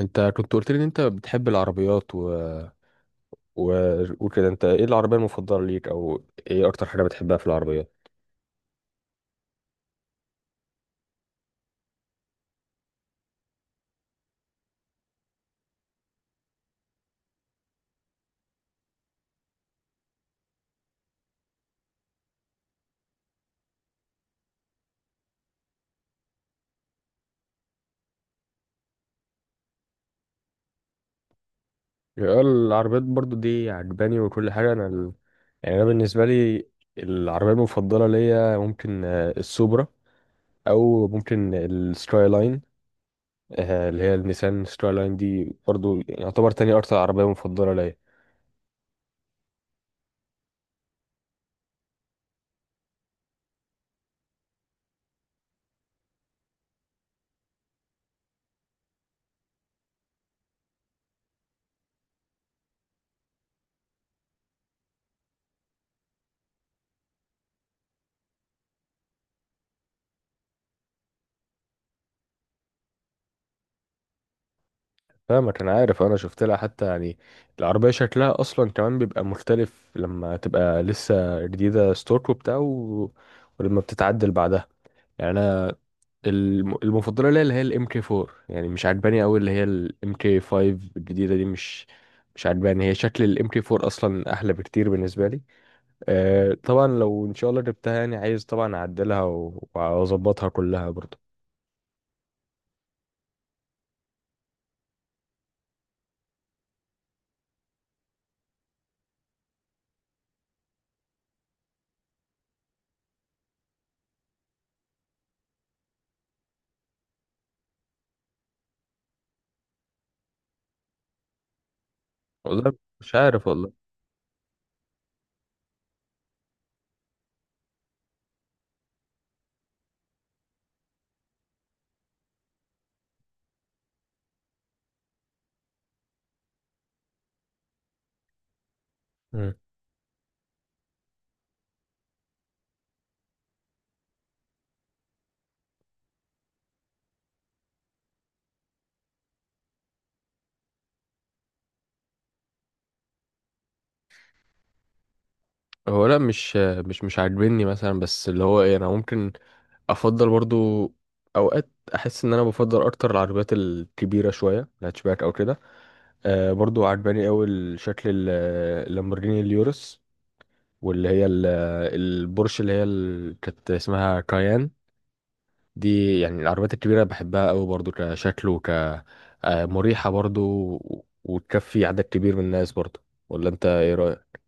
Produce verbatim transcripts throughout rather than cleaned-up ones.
انت كنت قلت لي ان انت بتحب العربيات و... و... وكده انت ايه العربية المفضلة ليك او ايه اكتر حاجة بتحبها في العربيات؟ يعني العربيات برضو دي عجباني وكل حاجة. انا ال... يعني انا بالنسبة لي العربية المفضلة ليا ممكن آه، السوبرا، او ممكن السكاي لاين، آه، اللي هي النيسان سكاي لاين. دي برضو يعتبر تاني اكتر عربية مفضلة ليا. فاهمك، انا عارف، انا شفت لها حتى. يعني العربيه شكلها اصلا كمان بيبقى مختلف لما تبقى لسه جديده ستوك وبتاع، و... ولما بتتعدل بعدها. يعني انا الم... المفضله ليا اللي هي الام كي اربعة، يعني مش عجباني قوي اللي هي الام كي خمسة الجديده دي. مش مش عجباني. هي شكل الام كي اربعة اصلا احلى بكتير بالنسبه لي. أه طبعا لو ان شاء الله جبتها يعني عايز طبعا اعدلها و- واظبطها كلها برضه. والله مش عارف والله. هو لا، مش مش مش عاجبني مثلا، بس اللي هو ايه، انا ممكن افضل برضو. اوقات احس ان انا بفضل اكتر العربيات الكبيره شويه، الهاتشباك او كده. آه برضو عجباني قوي الشكل ال- اللامبورجيني اليورس، واللي هي ال- البورش اللي هي ال- كانت اسمها كايان. دي يعني العربيات الكبيره بحبها قوي برضو كشكل، وك آه، مريحه برضو، وتكفي عدد كبير من الناس برضو. ولا انت ايه رايك؟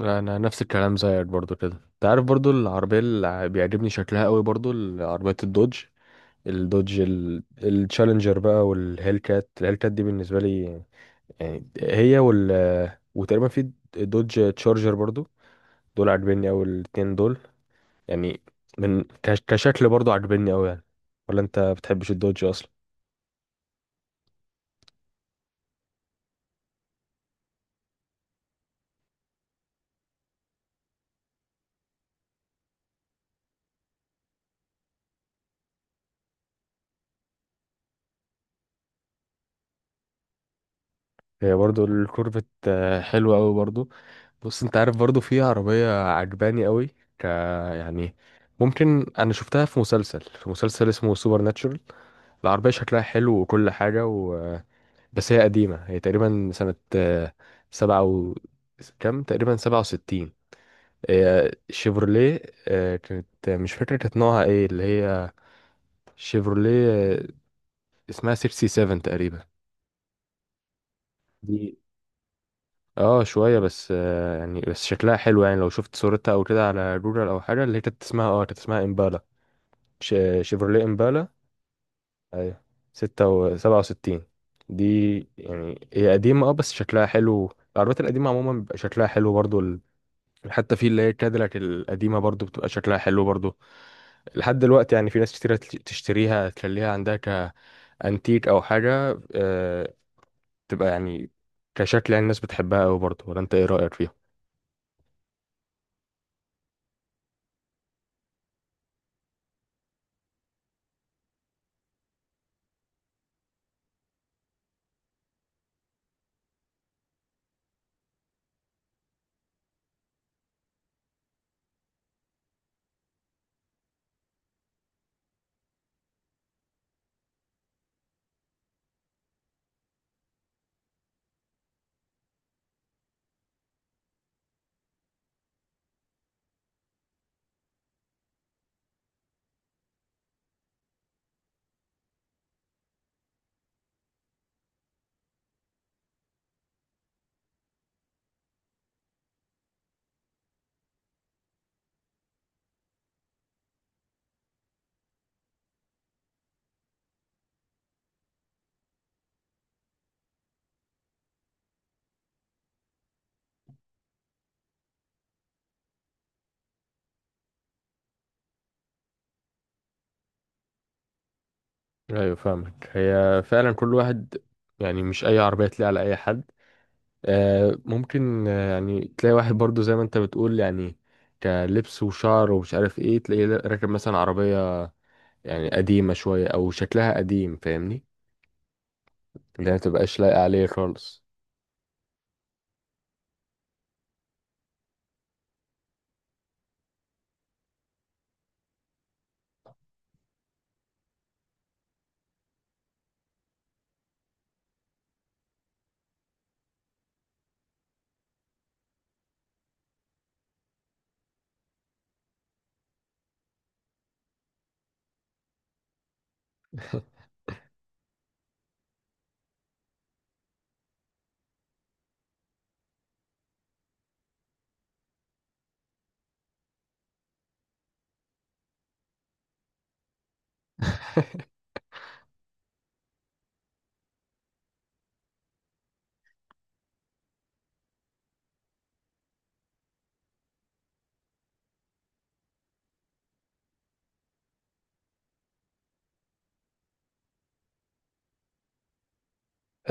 لا، انا نفس الكلام زيك برضو. كده انت عارف برضو العربيه اللي بيعجبني شكلها قوي برضو عربيه الدوج. الدوج ال- التشالنجر بقى والهيل كات. الهيل كات دي بالنسبه لي يعني، هي وال وتقريبا في دوج تشارجر برضو، دول عاجبني قوي الاتنين دول. يعني من كش- كشكل برضو عاجبني قوي يعني. ولا انت بتحبش الدوج اصلا؟ هي برضو الكورفت آه، حلوة أوي برضو. بص، انت عارف برضو في عربية عجباني أوي، ك يعني ممكن، أنا شفتها في مسلسل في مسلسل اسمه سوبر ناتشورال. العربية شكلها حلو وكل حاجة و... بس هي قديمة، هي تقريبا سنة آه، سبعة و كام، تقريبا سبعة وستين. هي شيفروليه. آه، كانت آه، مش فاكرة كانت نوعها ايه اللي هي شيفروليه. آه، اسمها سيكسي سيفن تقريبا. دي اه شوية بس، آه، يعني بس شكلها حلو، يعني لو شفت صورتها او كده على جوجل او حاجة. اللي هي كانت اسمها اه كانت اسمها امبالا. ش- شيفروليه امبالا. ايوه، ستة وسبعة وستين. دي يعني هي قديمة اه بس شكلها حلو. العربيات القديمة عموما بيبقى شكلها حلو برضو ال... حتى في اللي هي كاديلاك القديمة برضو، بتبقى شكلها حلو برضو لحد دلوقتي. يعني في ناس كتيرة تل- تشتريها تخليها عندها كأنتيك او حاجة، آه، تبقى يعني كشكل، يعني الناس بتحبها اوي برضو. ولا انت ايه رأيك فيها؟ ايوه فاهمك. هي فعلا كل واحد، يعني مش اي عربيه تلاقي على اي حد. آه ممكن، آه يعني تلاقي واحد برضو زي ما انت بتقول، يعني كلبس وشعر ومش عارف ايه، تلاقيه راكب مثلا عربيه يعني قديمه شويه او شكلها قديم، فاهمني، اللي هي ما تبقاش لايقه عليه خالص.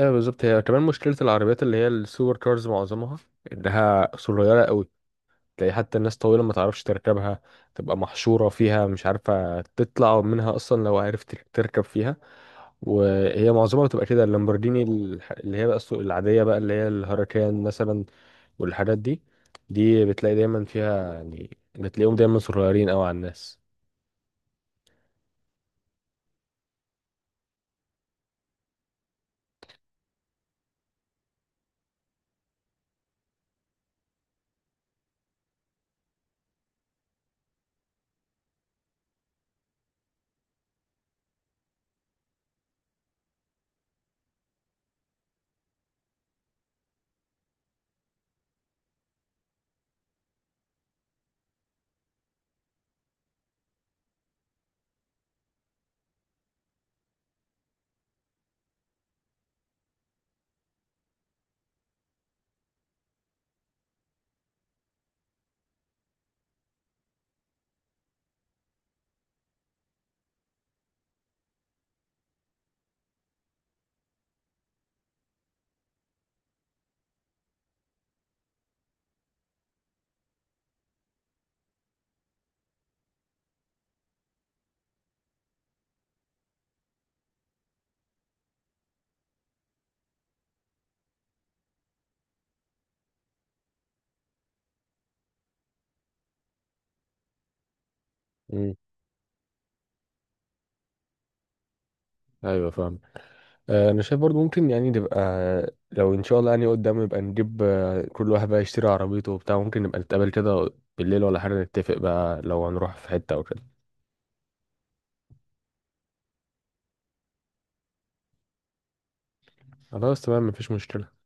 ايوه بالظبط. هي كمان مشكله العربيات اللي هي السوبر كارز، معظمها انها صغيره قوي. تلاقي حتى الناس طويله ما تعرفش تركبها، تبقى محشوره فيها، مش عارفه تطلع منها اصلا لو عرفت تركب فيها. وهي معظمها بتبقى كده، اللامبورجيني الح- اللي هي بقى السوق العادية بقى، اللي هي الهركان مثلا والحاجات دي، دي بتلاقي دايما فيها، يعني بتلاقيهم دايما صغيرين قوي على الناس. امم، ايوه فاهم. آه، انا شايف برضو ممكن يعني نبقى، لو ان شاء الله يعني قدام نبقى نجيب، آه، كل واحد بقى يشتري عربيته وبتاع، ممكن نبقى نتقابل كده بالليل ولا حاجة، نتفق بقى لو هنروح في حتة او كده. خلاص تمام، مفيش مشكلة.